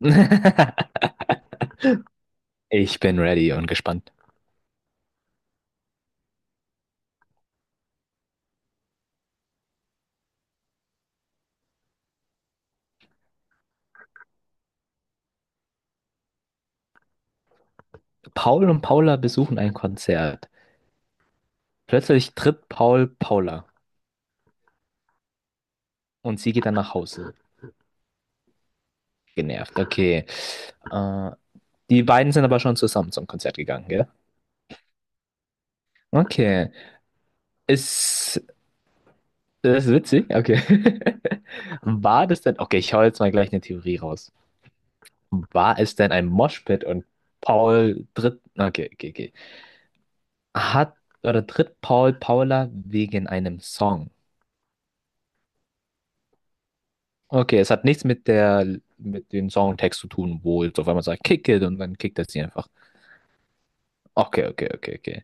Ich bin ready und gespannt. Paul und Paula besuchen ein Konzert. Plötzlich tritt Paul Paula und sie geht dann nach Hause. Genervt. Okay. Äh, die beiden sind aber schon zusammen zum Konzert gegangen, gell? Okay. Ist das witzig. Okay. War das denn? Okay, ich hau jetzt mal gleich eine Theorie raus. War es denn ein Moshpit und Paul tritt? Okay, okay, okay. Hat oder tritt Paul Paula wegen einem Song? Okay, es hat nichts mit dem Songtext zu tun, wo jetzt auf einmal sagt Kick it und dann kickt er sie einfach. Okay, okay, okay, okay.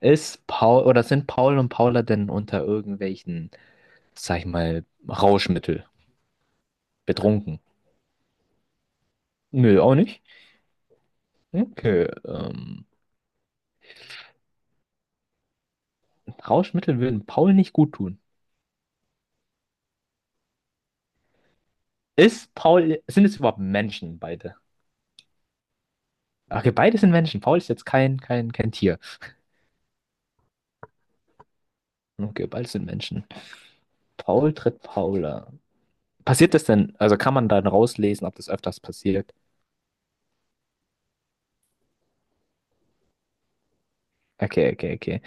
Ist Paul oder sind Paul und Paula denn unter irgendwelchen, sag ich mal, Rauschmittel betrunken? Nö, auch nicht. Okay, Rauschmittel würden Paul nicht gut tun. Ist Paul, sind es überhaupt Menschen beide? Okay, beide sind Menschen. Paul ist jetzt kein Tier. Okay, beide sind Menschen. Paul tritt Paula. Passiert das denn, also kann man dann rauslesen, ob das öfters passiert? Okay, okay, okay.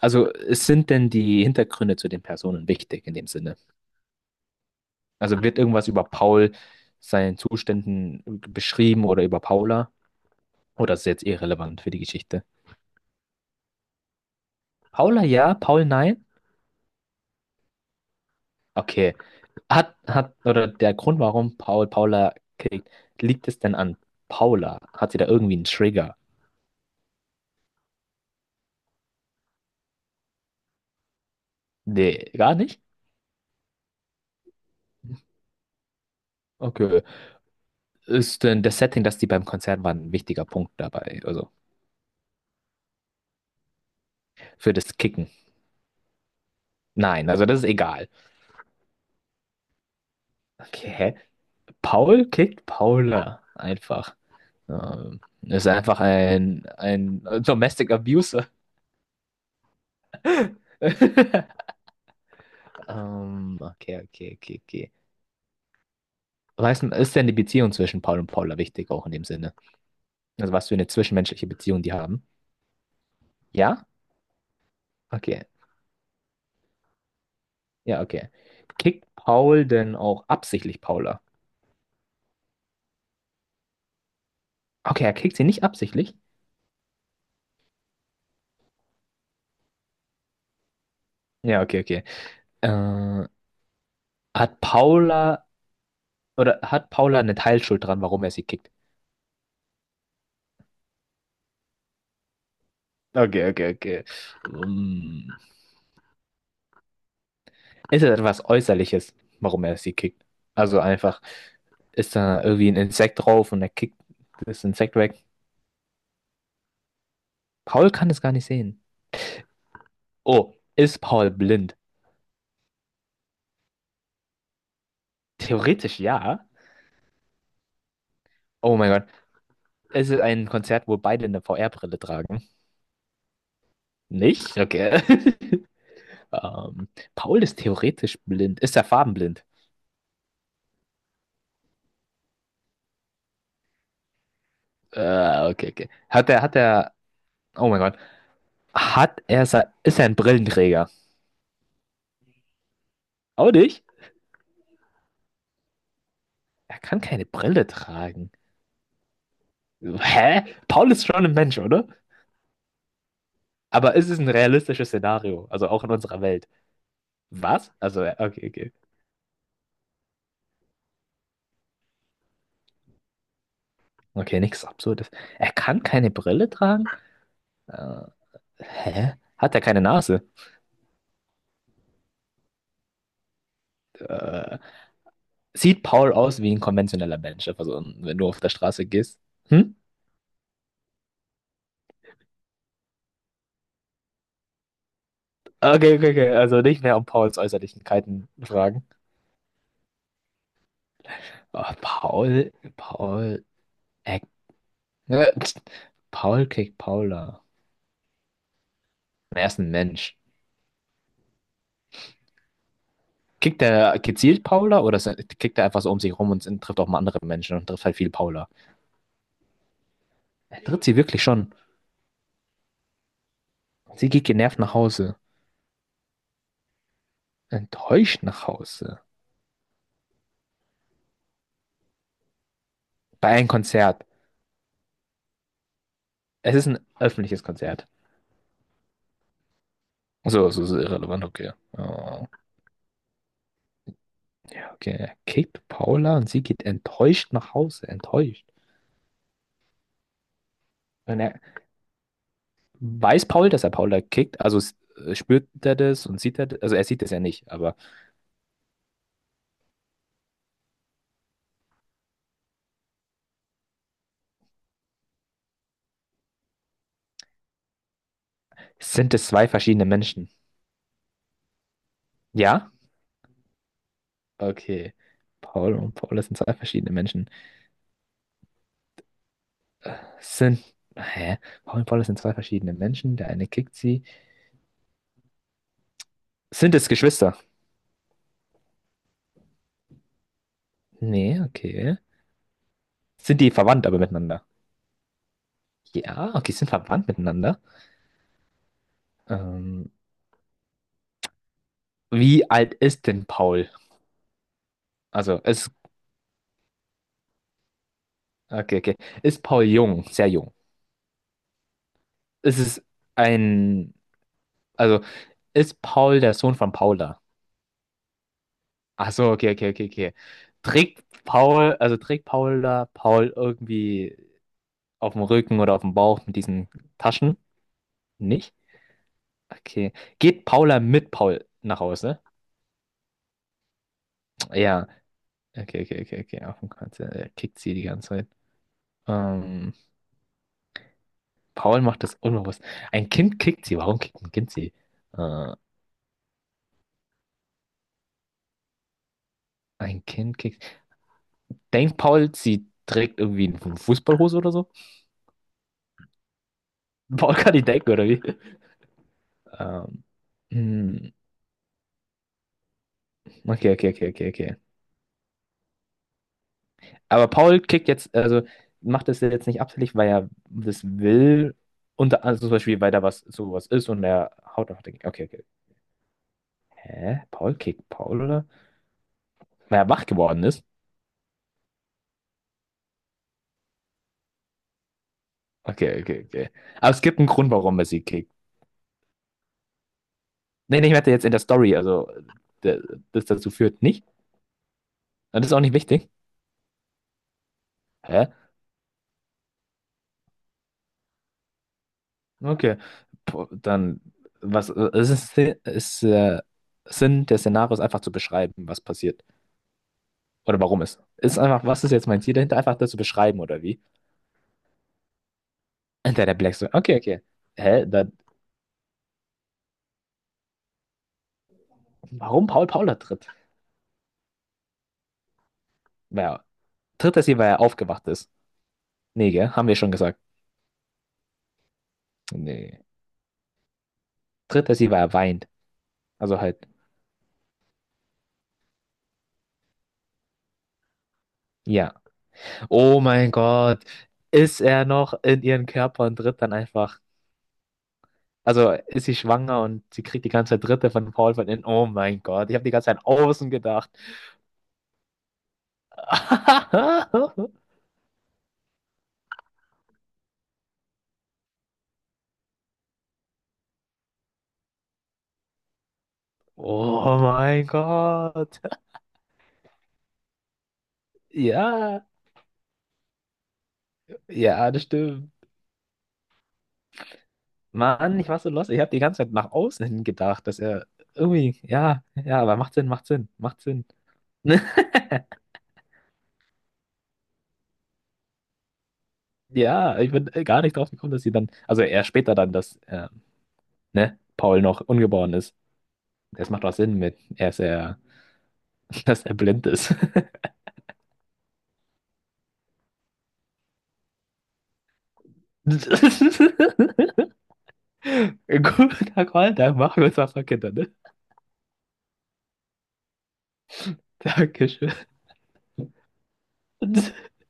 Also es sind denn die Hintergründe zu den Personen wichtig in dem Sinne? Also wird irgendwas über Paul, seinen Zuständen beschrieben oder über Paula? Oder ist es jetzt irrelevant für die Geschichte? Paula ja, Paul nein? Okay. Oder der Grund, warum Paul Paula kriegt, liegt es denn an Paula? Hat sie da irgendwie einen Trigger? Nee, gar nicht? Okay. Ist denn das Setting, dass die beim Konzert waren, ein wichtiger Punkt dabei? Also für das Kicken? Nein, also das ist egal. Okay, hä? Paul kickt Paula einfach. Ist einfach ein Domestic Abuser. Okay, okay, okay, okay. Was ist denn die Beziehung zwischen Paul und Paula wichtig, auch in dem Sinne? Also was für eine zwischenmenschliche Beziehung die haben? Ja? Okay. Ja, okay. Kickt Paul denn auch absichtlich Paula? Okay, er kickt sie nicht absichtlich? Ja, okay, okay. Äh, hat Paula eine Teilschuld dran, warum er sie kickt? Okay, okay, okay. Ähm, Ist es etwas Äußerliches, warum er sie kickt? Also einfach ist da irgendwie ein Insekt drauf und er kickt das Insekt weg. Paul kann es gar nicht sehen. Oh, ist Paul blind? Theoretisch ja. Oh mein Gott. Ist es ein Konzert, wo beide eine VR-Brille tragen? Nicht? Okay. Ähm, Paul ist theoretisch blind. Ist er farbenblind? Okay, okay. Oh mein Gott. Ist er ein Brillenträger? Auch nicht? Er kann keine Brille tragen. Hä? Paul ist schon ein Mensch, oder? Aber es ist ein realistisches Szenario, also auch in unserer Welt. Was? Okay, okay. Okay, nichts Absurdes. Er kann keine Brille tragen? Äh, hä? Hat er keine Nase? Äh, sieht Paul aus wie ein konventioneller Mensch, also wenn du auf der Straße gehst? Hm? Okay, okay, okay. Also nicht mehr um Pauls Äußerlichkeiten fragen. Oh, äh, Paul kriegt Paula. Er ist ein Mensch. Kickt der gezielt Paula oder kickt er einfach so um sich rum und trifft auch mal andere Menschen und trifft halt viel Paula? Er tritt sie wirklich schon. Sie geht genervt nach Hause. Enttäuscht nach Hause. Bei einem Konzert. Es ist ein öffentliches Konzert. So, so ist irrelevant, okay. Oh, okay, er kickt Paula und sie geht enttäuscht nach Hause. Enttäuscht. Und er weiß Paul, dass er Paula kickt, also spürt er das und sieht er das, also er sieht es ja nicht, aber sind es zwei verschiedene Menschen? Ja? Okay. Paul und Paula sind zwei verschiedene Menschen. Sind. Hä? Paul und Paula sind zwei verschiedene Menschen. Der eine kickt sie. Sind es Geschwister? Nee, okay. Sind die verwandt aber miteinander? Ja, okay, sind verwandt miteinander. Ähm, wie alt ist denn Paul? Also, ist. Okay, okay. Ist Paul jung? Sehr jung. Ist es ein. Also, ist Paul der Sohn von Paula? Ach so, okay, okay, okay, okay. Trägt Paul, also trägt Paula Paul irgendwie auf dem Rücken oder auf dem Bauch mit diesen Taschen? Nicht? Okay. Geht Paula mit Paul nach Hause? Ja. Okay, okay, okay, okay. Auf dem Kreuz. Ja, er kickt sie die ganze Zeit. Ähm, Paul macht das unbewusst. Ein Kind kickt sie. Warum kickt ein Kind sie? Äh, ein Kind kickt. Denkt Paul, sie trägt irgendwie eine Fußballhose oder so? Paul kann nicht denken, oder wie? Ähm, hm. Okay, okay, okay, okay, okay. Aber Paul kickt jetzt, also macht das jetzt nicht absichtlich, weil er das will. Unter, also zum Beispiel, weil da was sowas ist und er haut einfach dagegen. Okay, okay. Hä? Paul kickt Paul, oder? Weil er wach geworden ist? Okay, okay, okay. Aber es gibt einen Grund, warum er sie kickt. Nee, nee, ich meinte jetzt in der Story, also der, das dazu führt nicht. Und das ist auch nicht wichtig. Hä? Okay. Po- Dann, was, es ist, ist Sinn des Szenarios einfach zu beschreiben, was passiert. Oder warum es? Ist einfach, was ist jetzt mein Ziel dahinter? Einfach das zu beschreiben, oder wie? Und der Black so, okay, okay. Hä? Da, warum Paul Paula tritt? Ja, tritt er sie, weil er aufgewacht ist? Nee, gell? Haben wir schon gesagt. Nee. Tritt er sie, weil er weint. Also halt, ja. Oh mein Gott. Ist er noch in ihren Körper und tritt dann einfach. Also ist sie schwanger und sie kriegt die ganze Zeit Dritte von Paul von innen. Oh mein Gott, ich habe die ganze Zeit an außen gedacht. Oh mein Gott. Ja. Ja, das stimmt. Mann, ich war so lost. Ich habe die ganze Zeit nach außen hin gedacht, dass er irgendwie, ja, ja, aber macht Sinn, macht Sinn, macht Sinn. Ja, ich bin gar nicht drauf gekommen, dass sie dann, also er später dann, dass ne, Paul noch ungeboren ist. Das macht doch Sinn mit, er ist ja, dass er blind ist. Guter Call, dann machen wir uns was von Kindern, ne? Dankeschön.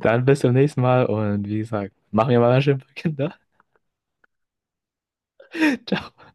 Dann bis zum nächsten Mal und wie gesagt, machen wir mal was schön für Kinder. Ciao.